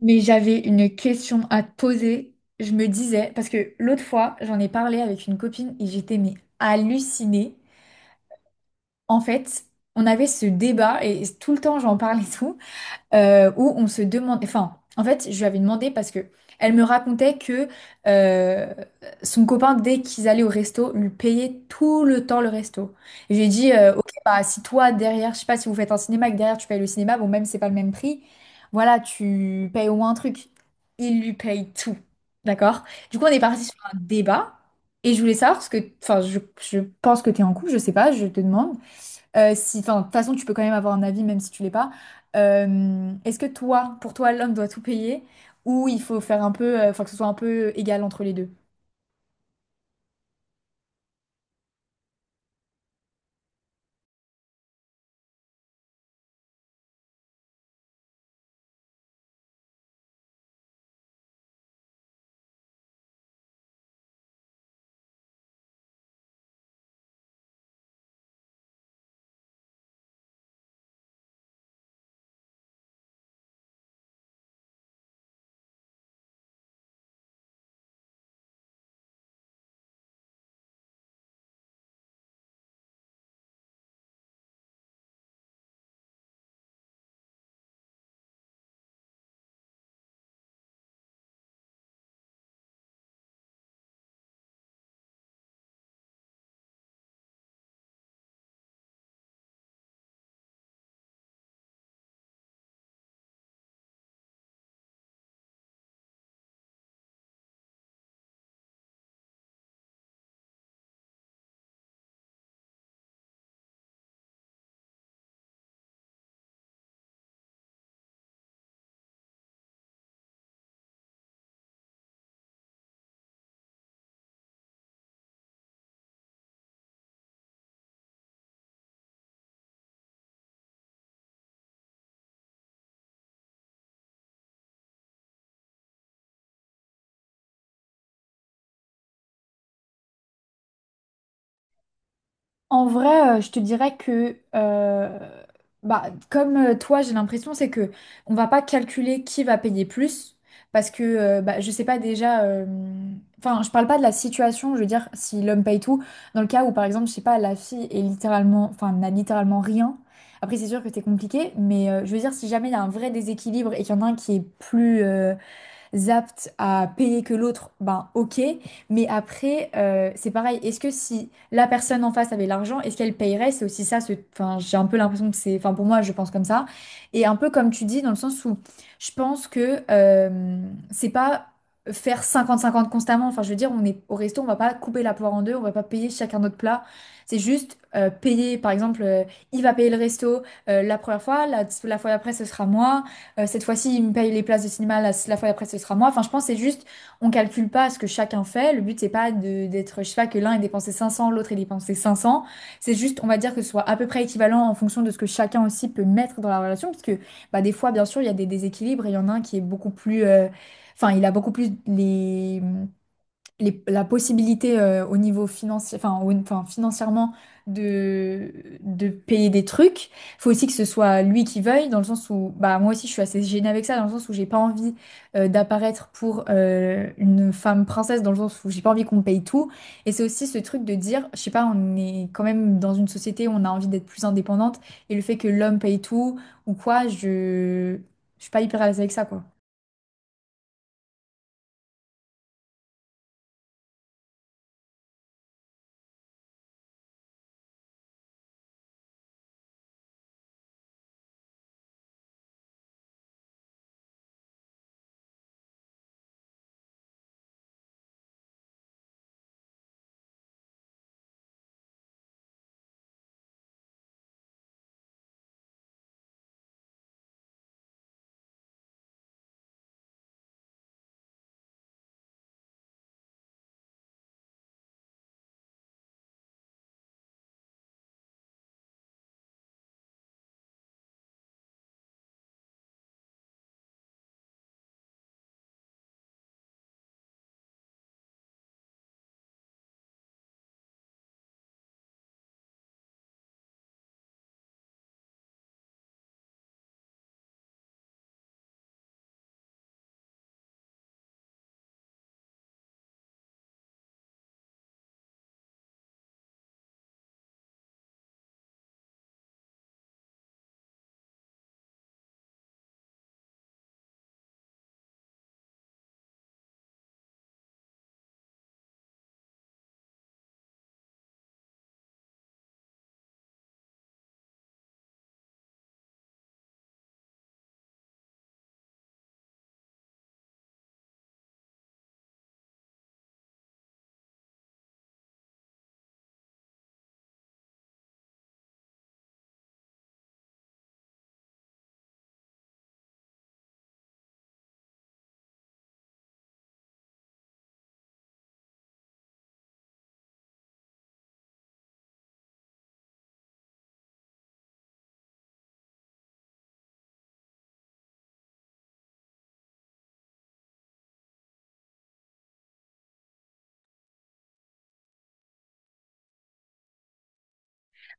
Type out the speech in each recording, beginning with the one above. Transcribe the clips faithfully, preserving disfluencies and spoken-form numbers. Mais j'avais une question à te poser. Je me disais, parce que l'autre fois, j'en ai parlé avec une copine et j'étais mais hallucinée. En fait, on avait ce débat et tout le temps j'en parlais et tout euh, où on se demande, enfin, en fait, je lui avais demandé parce que elle me racontait que euh, son copain, dès qu'ils allaient au resto, lui payait tout le temps le resto. Et je lui ai dit, euh, ok, bah, si toi, derrière, je sais pas, si vous faites un cinéma et que derrière, tu payes le cinéma, bon, même si c'est pas le même prix, voilà, tu payes au moins un truc. Il lui paye tout. D'accord? Du coup, on est parti sur un débat. Et je voulais savoir, parce que, enfin, je, je pense que tu es en couple, je sais pas, je te demande. Euh, si, enfin, de toute façon, tu peux quand même avoir un avis, même si tu l'es pas. Euh, est-ce que toi, pour toi, l'homme doit tout payer ou il faut faire un peu, euh, enfin, que ce soit un peu égal entre les deux? En vrai, euh, je te dirais que, euh, bah, comme euh, toi, j'ai l'impression, c'est que on va pas calculer qui va payer plus, parce que, euh, bah, je sais pas déjà. euh, Enfin, je parle pas de la situation, je veux dire, si l'homme paye tout, dans le cas où, par exemple, je sais pas, la fille est littéralement, enfin, n'a littéralement rien. Après, c'est sûr que c'est compliqué, mais euh, je veux dire, si jamais il y a un vrai déséquilibre et qu'il y en a un qui est plus, euh, aptes à payer que l'autre, ben ok. Mais après, euh, c'est pareil. Est-ce que si la personne en face avait l'argent, est-ce qu'elle payerait? C'est aussi ça. ce- Enfin, j'ai un peu l'impression que c'est. Enfin, pour moi, je pense comme ça. Et un peu comme tu dis, dans le sens où je pense que euh, c'est pas faire cinquante cinquante constamment. Enfin, je veux dire, on est au resto, on va pas couper la poire en deux, on va pas payer chacun notre plat. C'est juste euh, payer. Par exemple, euh, il va payer le resto euh, la première fois, la, la fois d'après, ce sera moi. Euh, cette fois-ci, il me paye les places de cinéma, la, la fois d'après, ce sera moi. Enfin, je pense que c'est juste, on calcule pas ce que chacun fait. Le but, c'est pas de, d'être, je sais pas, que l'un ait dépensé cinq cents, l'autre ait dépensé cinq cents. C'est juste, on va dire que ce soit à peu près équivalent en fonction de ce que chacun aussi peut mettre dans la relation. Parce que, bah, des fois, bien sûr, il y a des déséquilibres et il y en a un qui est beaucoup plus, euh, enfin, il a beaucoup plus les, les- la possibilité euh, au niveau financier, enfin, au- enfin, financièrement de, de payer des trucs. Faut aussi que ce soit lui qui veuille, dans le sens où, bah, moi aussi, je suis assez gênée avec ça, dans le sens où j'ai pas envie euh, d'apparaître pour euh, une femme princesse, dans le sens où j'ai pas envie qu'on me paye tout. Et c'est aussi ce truc de dire, je sais pas, on est quand même dans une société où on a envie d'être plus indépendante, et le fait que l'homme paye tout ou quoi, je, je suis pas hyper à l'aise avec ça, quoi.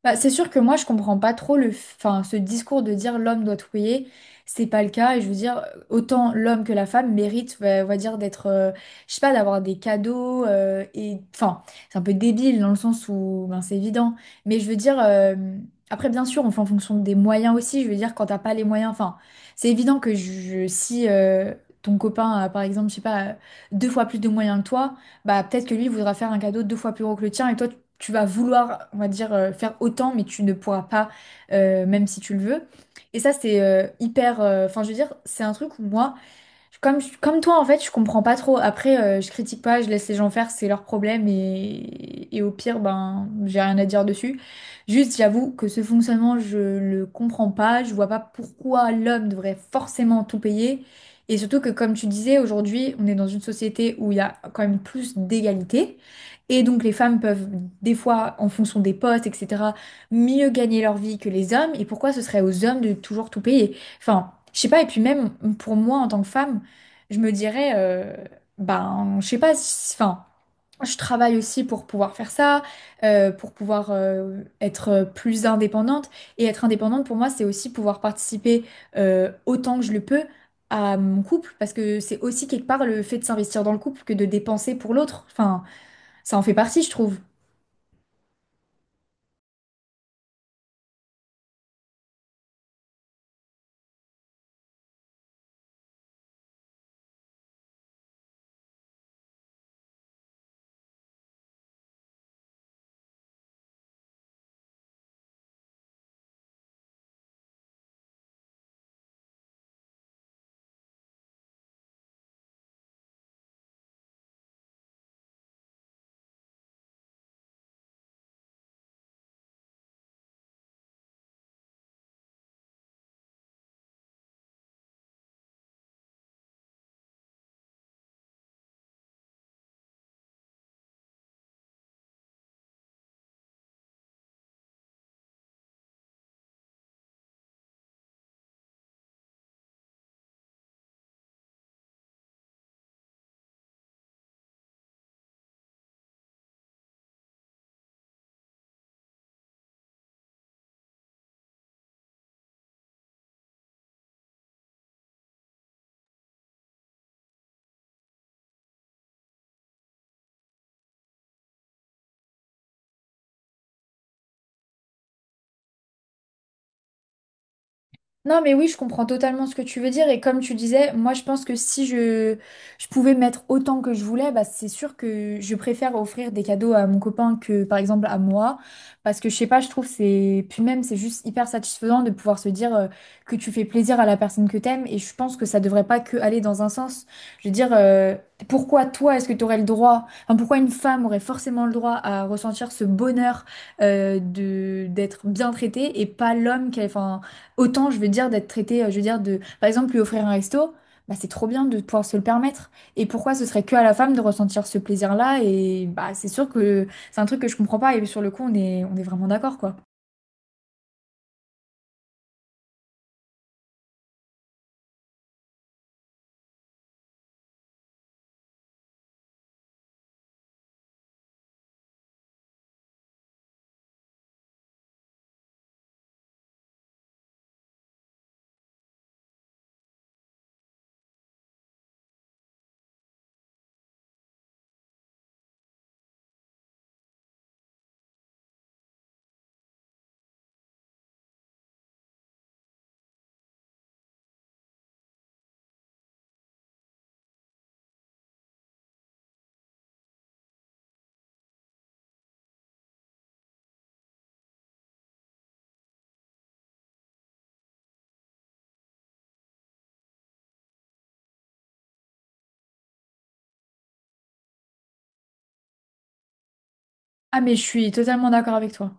Bah, c'est sûr que moi, je comprends pas trop le, enfin, ce discours de dire l'homme doit trouiller. C'est pas le cas. Et je veux dire, autant l'homme que la femme mérite, on va dire, d'être, euh, je sais pas, d'avoir des cadeaux. Euh, et enfin, c'est un peu débile dans le sens où, ben, c'est évident. Mais je veux dire, euh, après, bien sûr, on fait en fonction des moyens aussi. Je veux dire, quand t'as pas les moyens, enfin, c'est évident que je, si euh, ton copain a, par exemple, je sais pas, deux fois plus de moyens que toi, bah peut-être que lui voudra faire un cadeau deux fois plus gros que le tien et toi, tu vas vouloir, on va dire, euh, faire autant, mais tu ne pourras pas, euh, même si tu le veux. Et ça, c'est euh, hyper. euh, Enfin, je veux dire, c'est un truc où moi. Comme, je- comme toi, en fait, je comprends pas trop. Après, euh, je critique pas, je laisse les gens faire, c'est leur problème et, et au pire, ben, j'ai rien à dire dessus. Juste, j'avoue que ce fonctionnement, je le comprends pas. Je vois pas pourquoi l'homme devrait forcément tout payer. Et surtout que, comme tu disais, aujourd'hui, on est dans une société où il y a quand même plus d'égalité. Et donc, les femmes peuvent, des fois, en fonction des postes, et cétéra, mieux gagner leur vie que les hommes. Et pourquoi ce serait aux hommes de toujours tout payer? Enfin, je sais pas. Et puis même, pour moi, en tant que femme, je me dirais, euh, ben, je sais pas, si- enfin, je travaille aussi pour pouvoir faire ça, euh, pour pouvoir euh, être plus indépendante. Et être indépendante, pour moi, c'est aussi pouvoir participer euh, autant que je le peux à mon couple, parce que c'est aussi quelque part le fait de s'investir dans le couple que de dépenser pour l'autre. Enfin, ça en fait partie, je trouve. Non, mais oui, je comprends totalement ce que tu veux dire. Et comme tu disais, moi, je pense que si je, je pouvais mettre autant que je voulais, bah, c'est sûr que je préfère offrir des cadeaux à mon copain que, par exemple, à moi. Parce que, je sais pas, je trouve c'est... Puis même, c'est juste hyper satisfaisant de pouvoir se dire euh, que tu fais plaisir à la personne que t'aimes. Et je pense que ça devrait pas que aller dans un sens. Je veux dire, euh, pourquoi toi, est-ce que tu aurais le droit... Enfin, pourquoi une femme aurait forcément le droit à ressentir ce bonheur euh, de d'être bien traitée et pas l'homme qu'elle... Enfin, autant, je veux dire, d'être traité, euh, je veux dire, de, par exemple, lui offrir un resto, bah, c'est trop bien de pouvoir se le permettre. Et pourquoi ce serait que à la femme de ressentir ce plaisir-là? Et bah, c'est sûr que c'est un truc que je comprends pas. Et sur le coup, on est, on est vraiment d'accord, quoi. Ah, mais je suis totalement d'accord avec toi.